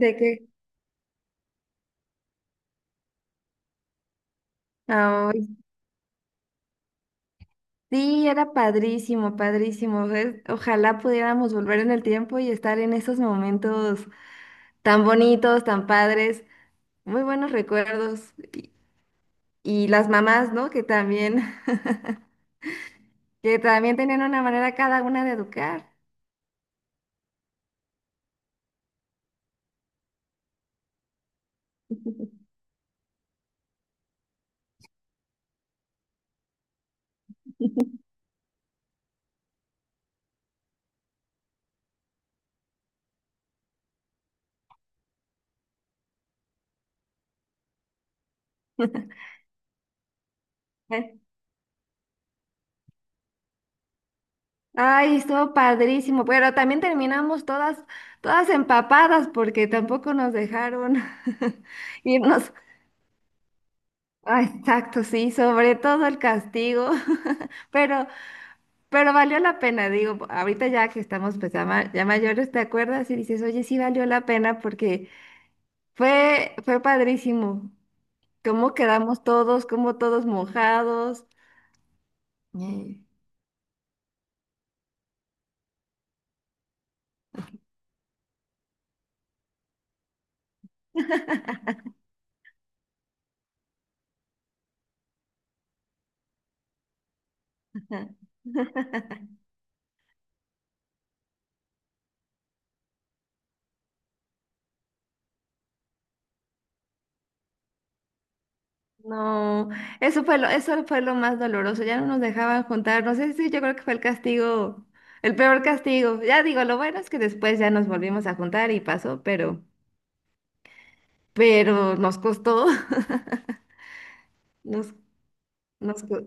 De que, Ay, sí, era padrísimo, padrísimo. ¿Ves? Ojalá pudiéramos volver en el tiempo y estar en esos momentos tan bonitos, tan padres, muy buenos recuerdos. Y las mamás, ¿no? Que también, que también tenían una manera cada una de educar. Eh, Ay, estuvo padrísimo, pero también terminamos todas empapadas porque tampoco nos dejaron irnos. Ah, exacto, sí, sobre todo el castigo, pero pero valió la pena, digo, ahorita ya que estamos pues, ya, ya mayores, ¿te acuerdas? Y dices, oye, sí valió la pena porque fue padrísimo. Cómo quedamos todos, cómo todos mojados. Eh, ajá. No, eso fue lo más doloroso. Ya no nos dejaban juntar. No sé, si yo creo que fue el castigo, el peor castigo. Ya digo, lo bueno es que después ya nos volvimos a juntar y pasó, pero nos costó, nos, nos, co-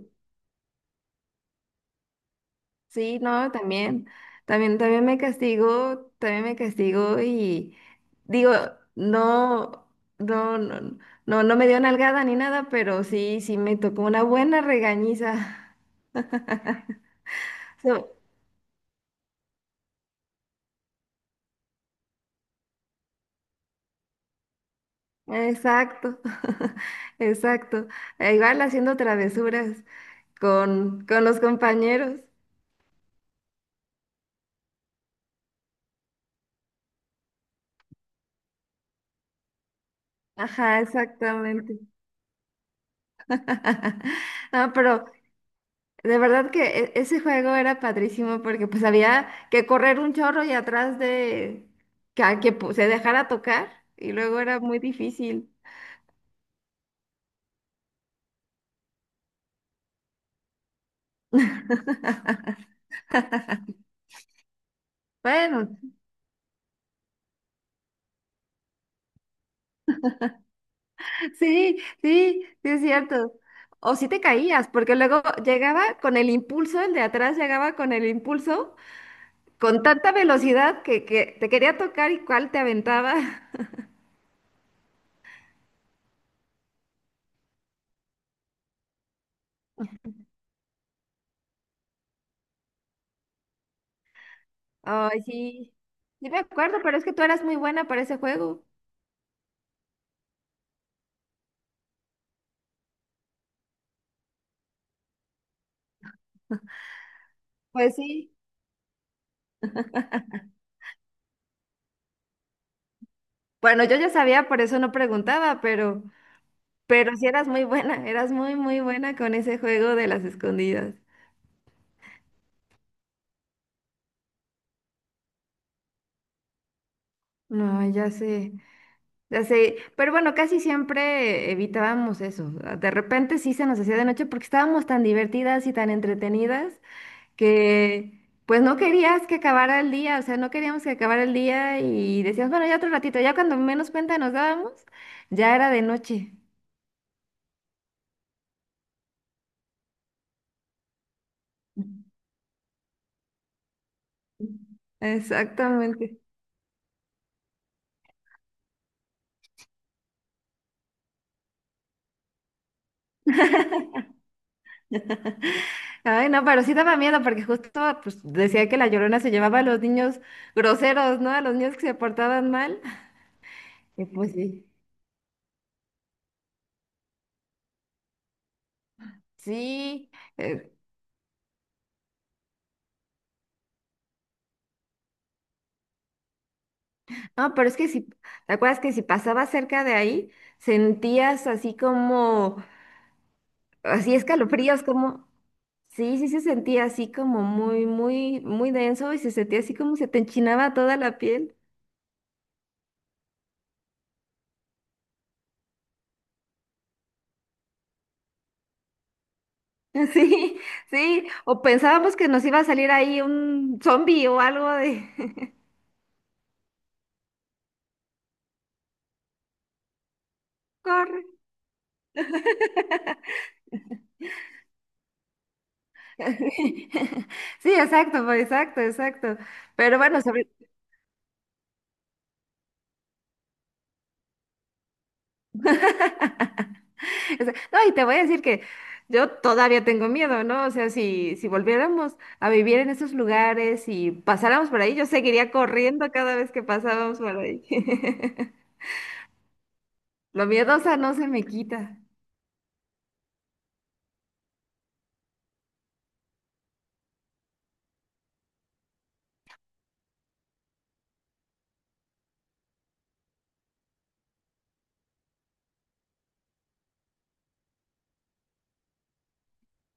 Sí, no, también me castigo y digo, no, no, no, no, no me dio nalgada ni nada, pero sí me tocó una buena regañiza. So- exacto, exacto. E igual haciendo travesuras con los compañeros. Ajá, exactamente. No, pero de verdad que ese juego era padrísimo porque pues había que correr un chorro y atrás de que, se dejara tocar y luego era muy difícil. Bueno, sí, sí, sí es cierto. O si te caías, porque luego llegaba con el impulso, el de atrás llegaba con el impulso, con tanta velocidad que te quería tocar y cuál te aventaba. Ay, sí, sí me acuerdo, pero es que tú eras muy buena para ese juego. Pues sí. Bueno, yo ya sabía, por eso no preguntaba, pero sí eras muy buena, eras muy, muy buena con ese juego de las escondidas. No, ya sé, ya sé. Pero bueno, casi siempre evitábamos eso. De repente sí se nos hacía de noche porque estábamos tan divertidas y tan entretenidas que pues no querías que acabara el día, o sea, no queríamos que acabara el día y decíamos, bueno, ya otro ratito, ya cuando menos cuenta nos dábamos, ya era de noche. Exactamente. Ay, no, pero sí daba miedo porque justo pues, decía que la Llorona se llevaba a los niños groseros, ¿no? A los niños que se portaban mal. Y pues sí. Sí. eh, no, pero es que ¿te acuerdas que si pasaba cerca de ahí, sentías así como, así escalofríos, como, sí, sí se sentía así como muy, muy, muy denso y se sentía así como se te enchinaba toda la piel? Sí, sí. O pensábamos que nos iba a salir ahí un zombie o algo de... Corre. Sí, exacto, pues, exacto, exacto. Pero bueno, sobre... O sea, no, y te voy a decir que yo todavía tengo miedo, ¿no? O sea, si volviéramos a vivir en esos lugares y pasáramos por ahí, yo seguiría corriendo cada vez que pasábamos por ahí. Lo miedosa no se me quita.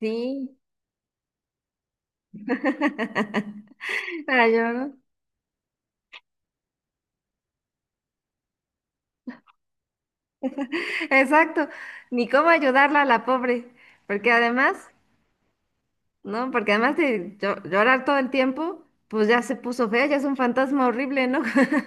Sí. Para yo, ¿no? Exacto. Ni cómo ayudarla a la pobre. Porque además, no, porque además de llorar todo el tiempo, pues ya se puso fea, ya es un fantasma horrible, ¿no?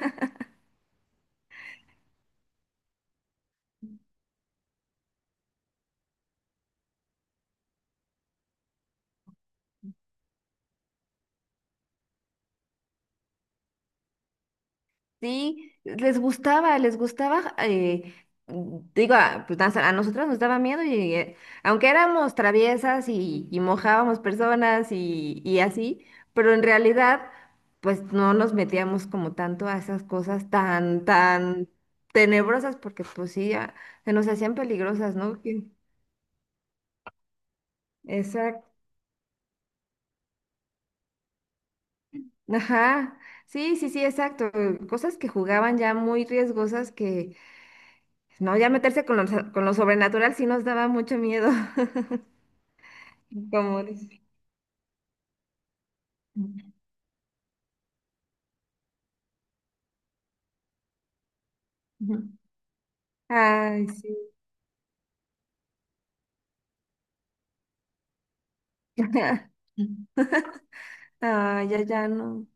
Sí, les gustaba, digo, a nosotros nos daba miedo y aunque éramos traviesas y, mojábamos personas y así, pero en realidad, pues no nos metíamos como tanto a esas cosas tan, tan tenebrosas, porque pues sí, ya, se nos hacían peligrosas, ¿no? Exacto. Ajá, sí, sí, sí, exacto. Cosas que jugaban ya muy riesgosas que, no, ya meterse con lo sobrenatural sí nos daba mucho miedo. Como dice. Ujú. Ay, sí. Ay, ya, ya no.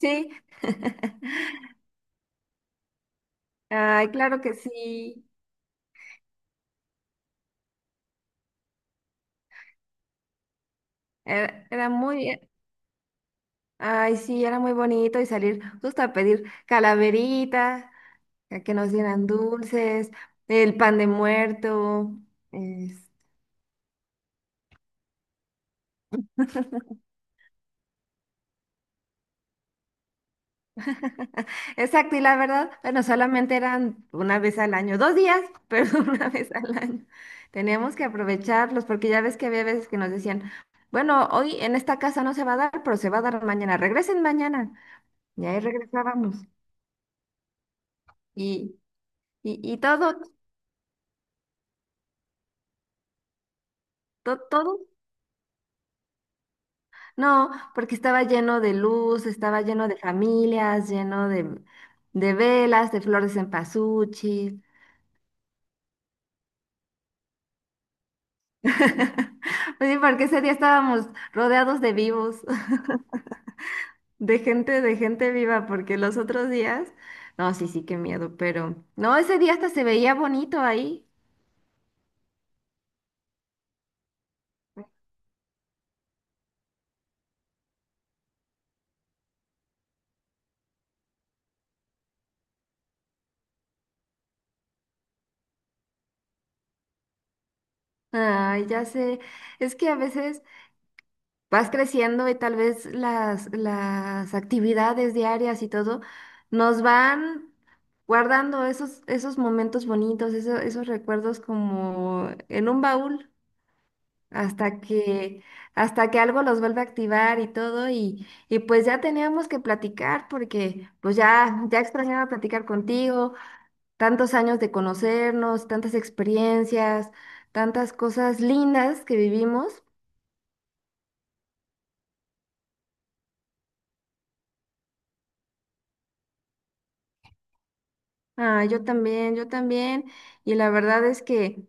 Sí, ay, claro que sí. Era, era muy, ay, sí, era muy bonito y salir justo a pedir calaverita, a que nos dieran dulces, el pan de muerto. Exacto, y la verdad, bueno, solamente eran una vez al año, 2 días, pero una vez al año. Teníamos que aprovecharlos porque ya ves que había veces que nos decían, bueno, hoy en esta casa no se va a dar, pero se va a dar mañana, regresen mañana. Y ahí regresábamos. Y, y todo, todo, no, porque estaba lleno de luz, estaba lleno de familias, lleno de velas, de flores en pasuchi. Pues sí, porque ese día estábamos rodeados de vivos. De gente viva, porque los otros días, no, sí, sí, qué miedo, pero no, ese día hasta se veía bonito ahí. Ay, ya sé, es que a veces vas creciendo y tal vez las actividades diarias y todo nos van guardando esos momentos bonitos, esos recuerdos como en un baúl. hasta que, hasta que algo los vuelve a activar y todo, y pues ya teníamos que platicar porque pues ya extrañaba platicar contigo, tantos años de conocernos, tantas experiencias, tantas cosas lindas que vivimos. Ah, yo también, y la verdad es que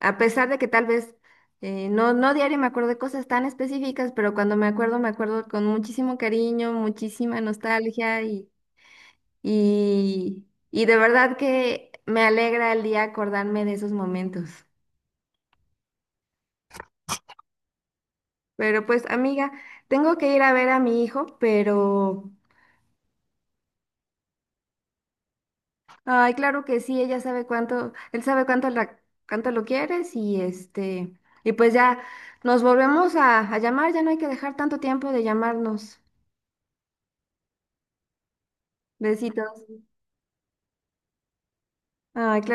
a pesar de que tal vez no, no diario me acuerdo de cosas tan específicas, pero cuando me acuerdo con muchísimo cariño, muchísima nostalgia. Y de verdad que me alegra el día acordarme de esos momentos. Pero pues, amiga, tengo que ir a ver a mi hijo, pero ay, claro que sí, ella sabe cuánto, él sabe cuánto cuánto lo quieres y pues ya nos volvemos a llamar, ya no hay que dejar tanto tiempo de llamarnos. Besitos. Ay, claro.